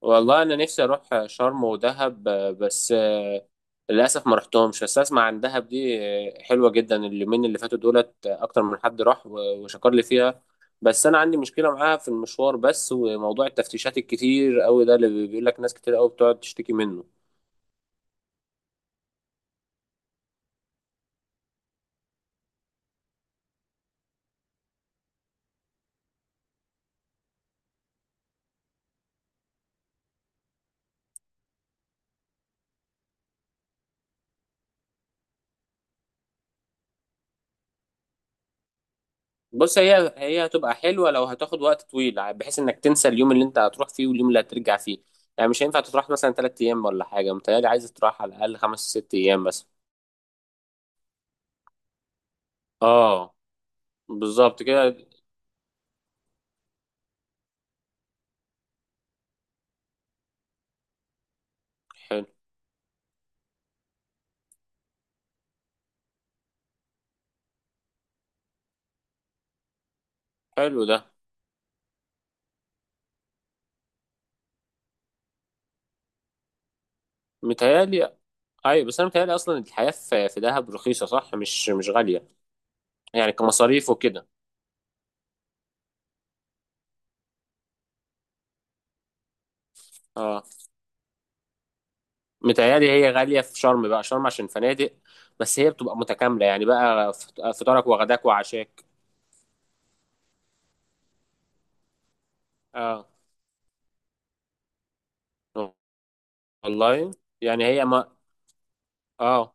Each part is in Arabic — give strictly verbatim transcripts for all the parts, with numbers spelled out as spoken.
والله انا نفسي اروح شرم ودهب. بس آه، للاسف ما رحتهمش، بس اسمع عن دهب دي آه، حلوه جدا. اليومين اللي فاتوا دولت آه، اكتر من حد راح و- وشكر لي فيها، بس انا عندي مشكله معاها في المشوار بس، وموضوع التفتيشات الكتير قوي ده اللي بيقول لك ناس كتير قوي بتقعد تشتكي منه. بص، هي هي هتبقى حلوه لو هتاخد وقت طويل، ع- بحيث انك تنسى اليوم اللي انت هتروح فيه واليوم اللي هترجع فيه، يعني مش هينفع تروح مثلا ثلاث ايام ولا حاجه. متهيألي عايز تروح على الاقل خمس ست ايام بس. اه، بالظبط كده. حلو، حلو ده. متهيألي أيوة. بس أنا متهيألي أصلا الحياة في في دهب رخيصة، صح، مش مش غالية يعني كمصاريف وكده. اه، متهيألي هي غالية في شرم بقى، شرم عشان فنادق، بس هي بتبقى متكاملة يعني بقى فت- فطارك وغداك وعشاك. اه، والله. يعني هي ما اه.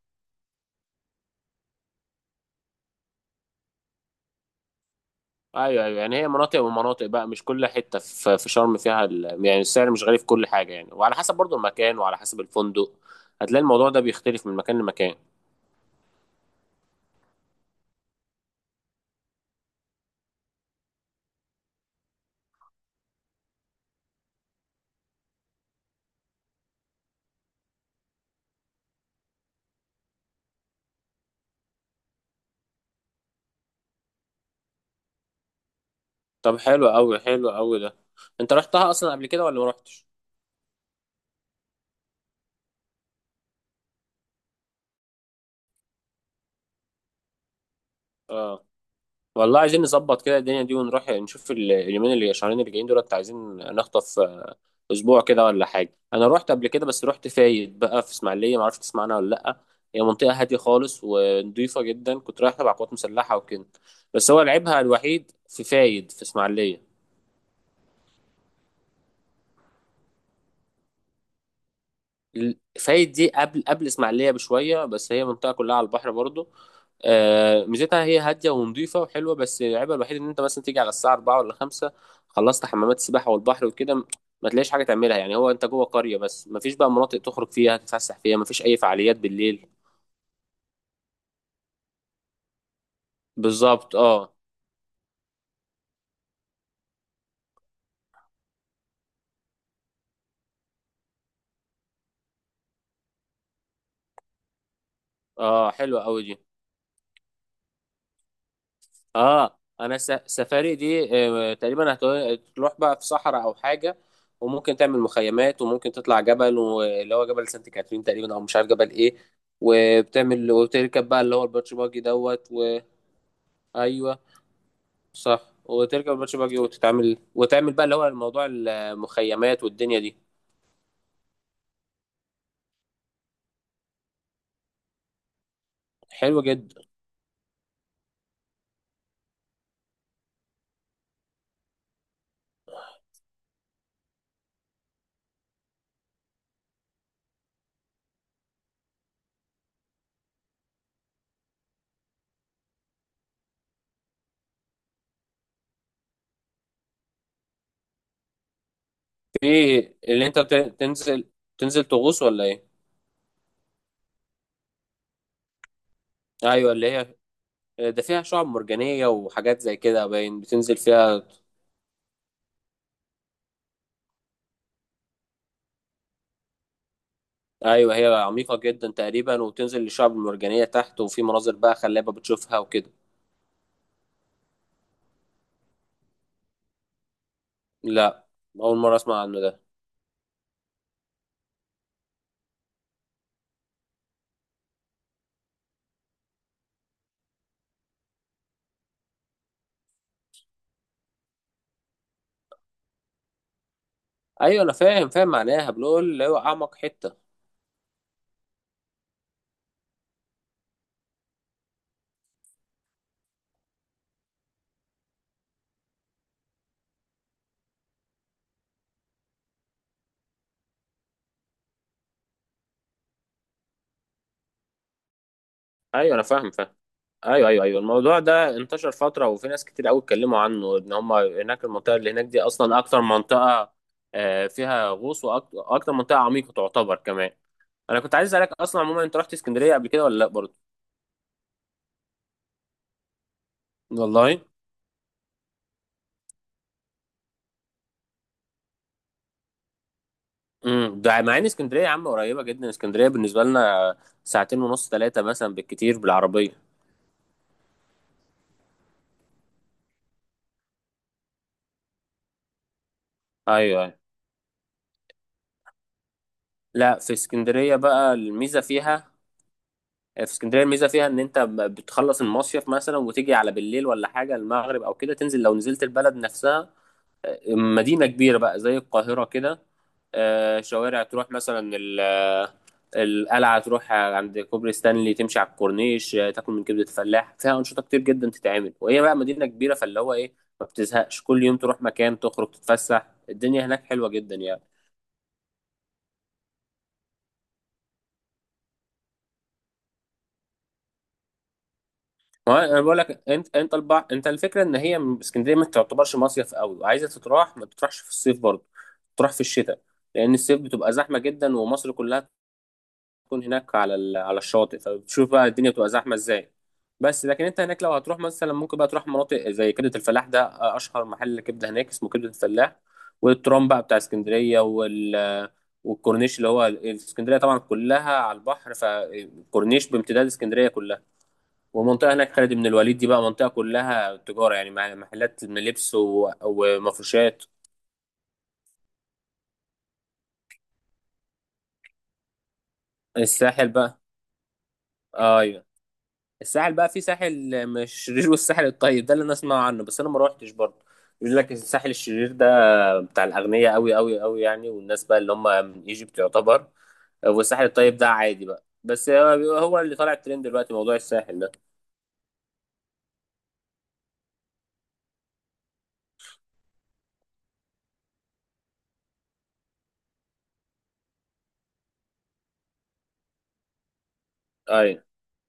ايوه ايوه، يعني هي مناطق ومناطق بقى، مش كل حته في في شرم فيها ال... يعني السعر مش غالي في كل حاجه يعني، وعلى حسب برضو المكان وعلى حسب الفندق. هتلاقي الموضوع ده بيختلف من مكان لمكان. طب حلو قوي، حلو قوي ده. انت رحتها اصلا قبل كده ولا ما رحتش؟ اه والله، عايزين نظبط كده الدنيا دي ونروح نشوف ال- اليومين اللي شهرين اللي جايين دولت، عايزين نخطف اسبوع كده ولا حاجه. انا رحت قبل كده، بس رحت فايد بقى في اسماعيليه، ما اعرفش تسمعنا ولا لا. هي منطقه هاديه خالص ونضيفه جدا، كنت رايح تبع قوات مسلحه وكده. بس هو لعيبها الوحيد في فايد في اسماعيليه. فايد دي قبل قبل اسماعيليه بشويه، بس هي منطقه كلها على البحر برضو. آه، ميزتها هي هاديه ونظيفه وحلوه، بس العيبها الوحيد ان انت مثلا تيجي على الساعه الرابعة ولا خمسة خلصت حمامات السباحه والبحر وكده. م- ما تلاقيش حاجه تعملها يعني، هو انت جوه قريه بس ما فيش بقى مناطق تخرج فيها تتفسح فيها، ما فيش اي فعاليات بالليل. بالظبط، اه. اه، حلوه قوي دي. اه، انا س- سفاري دي آه، تقريبا هتروح بقى في صحراء او حاجه، وممكن تعمل مخيمات، وممكن تطلع جبل واللي هو جبل سانت كاترين تقريبا او مش عارف جبل ايه، وبتعمل وبتركب بقى اللي هو الباتش باجي دوت. وايوه، صح، وتركب الباتش باجي وتتعمل وتعمل بقى اللي هو الموضوع المخيمات والدنيا دي. حلو جدا. في اللي انت بت- تنزل تنزل تغوص ولا ايه؟ ايوه اللي هي ده، فيها شعاب مرجانيه وحاجات زي كده باين بتنزل فيها. ايوه، هي عميقة جدا تقريبا، وبتنزل للشعب المرجانية تحت، وفي مناظر بقى خلابة بتشوفها وكده. لا، اول مرة اسمع عنه ده. ايوه انا فاهم فاهم معناها، بنقول اللي هو اعمق حتة. ايوه انا فاهم فاهم. ايوه ايوه ايوه، الموضوع ده انتشر فترة وفي ناس كتير قوي اتكلموا عنه، ان هم هناك المنطقة اللي هناك دي اصلا اكتر منطقة آه، فيها غوص، واكتر منطقة عميقة تعتبر كمان. انا كنت عايز اسالك اصلا عموما، انت رحت اسكندرية قبل كده ولا لا برضه؟ والله. امم، ده مع ان اسكندريه يا عم قريبه جدا، اسكندريه بالنسبه لنا ساعتين ونص ثلاثه مثلا بالكتير بالعربيه. ايوه ايوه. لا، في اسكندريه بقى الميزه فيها، في اسكندريه الميزه فيها ان انت ب- بتخلص المصيف مثلا وتيجي على بالليل ولا حاجه، المغرب او كده، تنزل لو نزلت البلد نفسها، مدينه كبيره بقى زي القاهره كده. آه، شوارع تروح مثلا القلعة، تروح عند كوبري ستانلي، تمشي على الكورنيش، آه، تاكل من كبدة فلاح، فيها أنشطة كتير جدا تتعمل، وهي بقى مدينة كبيرة فاللي هو إيه، ما بتزهقش. كل يوم تروح مكان تخرج تتفسح، الدنيا هناك حلوة جدا يعني. ما هو أنا بقول لك، أنت أنت البع... أنت الفكرة إن هي من- اسكندرية ما تعتبرش مصيف قوي، وعايزة تتراح ما تروحش في الصيف برضه، تروح في الشتاء. لأن الصيف بتبقى زحمة جدا ومصر كلها تكون هناك على ال- على الشاطئ، فبتشوف بقى الدنيا بتبقى زحمه ازاي. بس لكن انت هناك لو هتروح مثلا، ممكن بقى تروح مناطق زي كبده الفلاح ده، آه، اشهر محل كبده هناك اسمه كبده الفلاح، والترام بقى بتاع اسكندريه وال والكورنيش، اللي هو ال- اسكندريه طبعا كلها على البحر، فالكورنيش بامتداد اسكندريه كلها، والمنطقه هناك خالد بن الوليد دي بقى منطقه كلها تجاره يعني، مع- محلات من لبس و- ومفروشات. الساحل بقى. آه، ايوه، الساحل بقى في ساحل مشرير والساحل الطيب، ده اللي انا اسمع عنه، بس انا ما روحتش برضه. يقول لك الساحل الشرير ده بتاع الاغنياء قوي قوي قوي يعني، والناس بقى اللي هم من ايجيبت يعتبر، والساحل الطيب ده عادي بقى. بس هو هو اللي طالع الترند دلوقتي، موضوع الساحل ده. ايوه.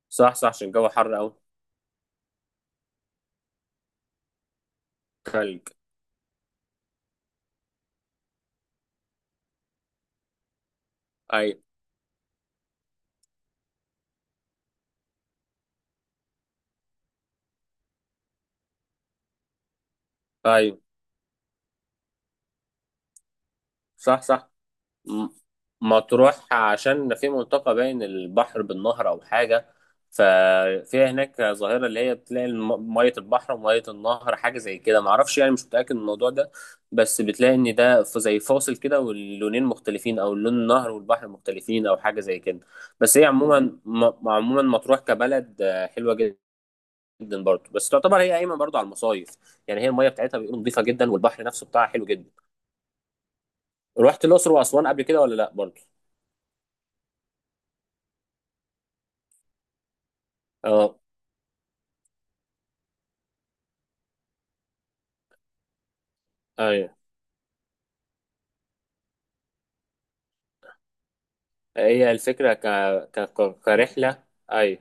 صح صح، عشان الجو حر قوي. تلج. ايوه ايوه، صح صح. م- مطروح، عشان في منطقة بين البحر بالنهر أو حاجة، ففيها هناك ظاهرة اللي هي بتلاقي الم- مية البحر ومية النهر، حاجة زي كده، معرفش يعني مش متأكد من الموضوع ده، بس بتلاقي إن ده ف- زي فاصل كده، واللونين مختلفين، أو لون النهر والبحر مختلفين أو حاجة زي كده. بس هي عموما، م- عموما مطروح كبلد آه، حلوة جدا برضه، بس تعتبر هي قايمة برضه على المصايف، يعني هي المية بتاعتها بيقولوا نظيفة جدا، والبحر نفسه بتاعها حلو جدا. رحت الأقصر وأسوان قبل كده ولا لأ برضه؟ اه. ايوه، هي الفكرة ك... ك... ك- كرحلة، أيوة،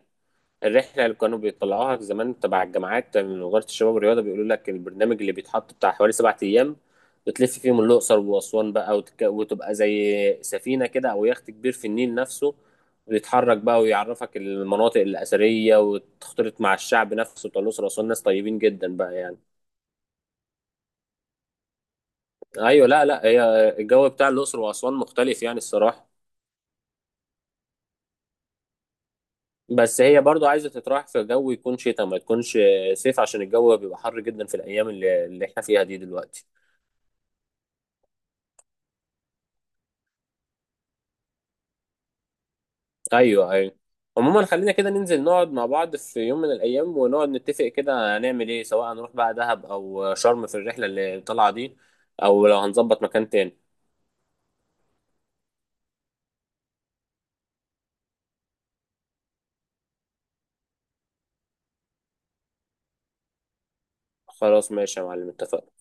الرحلة اللي كانوا بيطلعوها زمان تبع الجامعات من وزارة الشباب والرياضة، بيقولوا لك البرنامج اللي بيتحط بتاع حوالي سبعة أيام، بتلف فيهم الأقصر وأسوان بقى، وتك... وتبقى زي سفينة كده أو يخت كبير في النيل نفسه، ويتحرك بقى ويعرفك المناطق الأثرية، وتختلط مع الشعب نفسه بتاع الأقصر وأسوان، ناس طيبين جدا بقى يعني. أيوة. لا لا، هي الجو بتاع الأقصر وأسوان مختلف يعني الصراحة. بس هي برضو عايزة تتراوح في جو يكون شتاء ما تكونش صيف، عشان الجو بيبقى حر جدا في الأيام اللي, اللي احنا فيها دي دلوقتي. أيوه أيوه. عموما، خلينا كده ننزل نقعد مع بعض في يوم من الأيام، ونقعد نتفق كده هنعمل إيه، سواء هنروح بقى دهب أو شرم في الرحلة اللي طالعة دي، أو لو هنظبط مكان تاني. خلاص ماشي يا معلم، اتفقنا.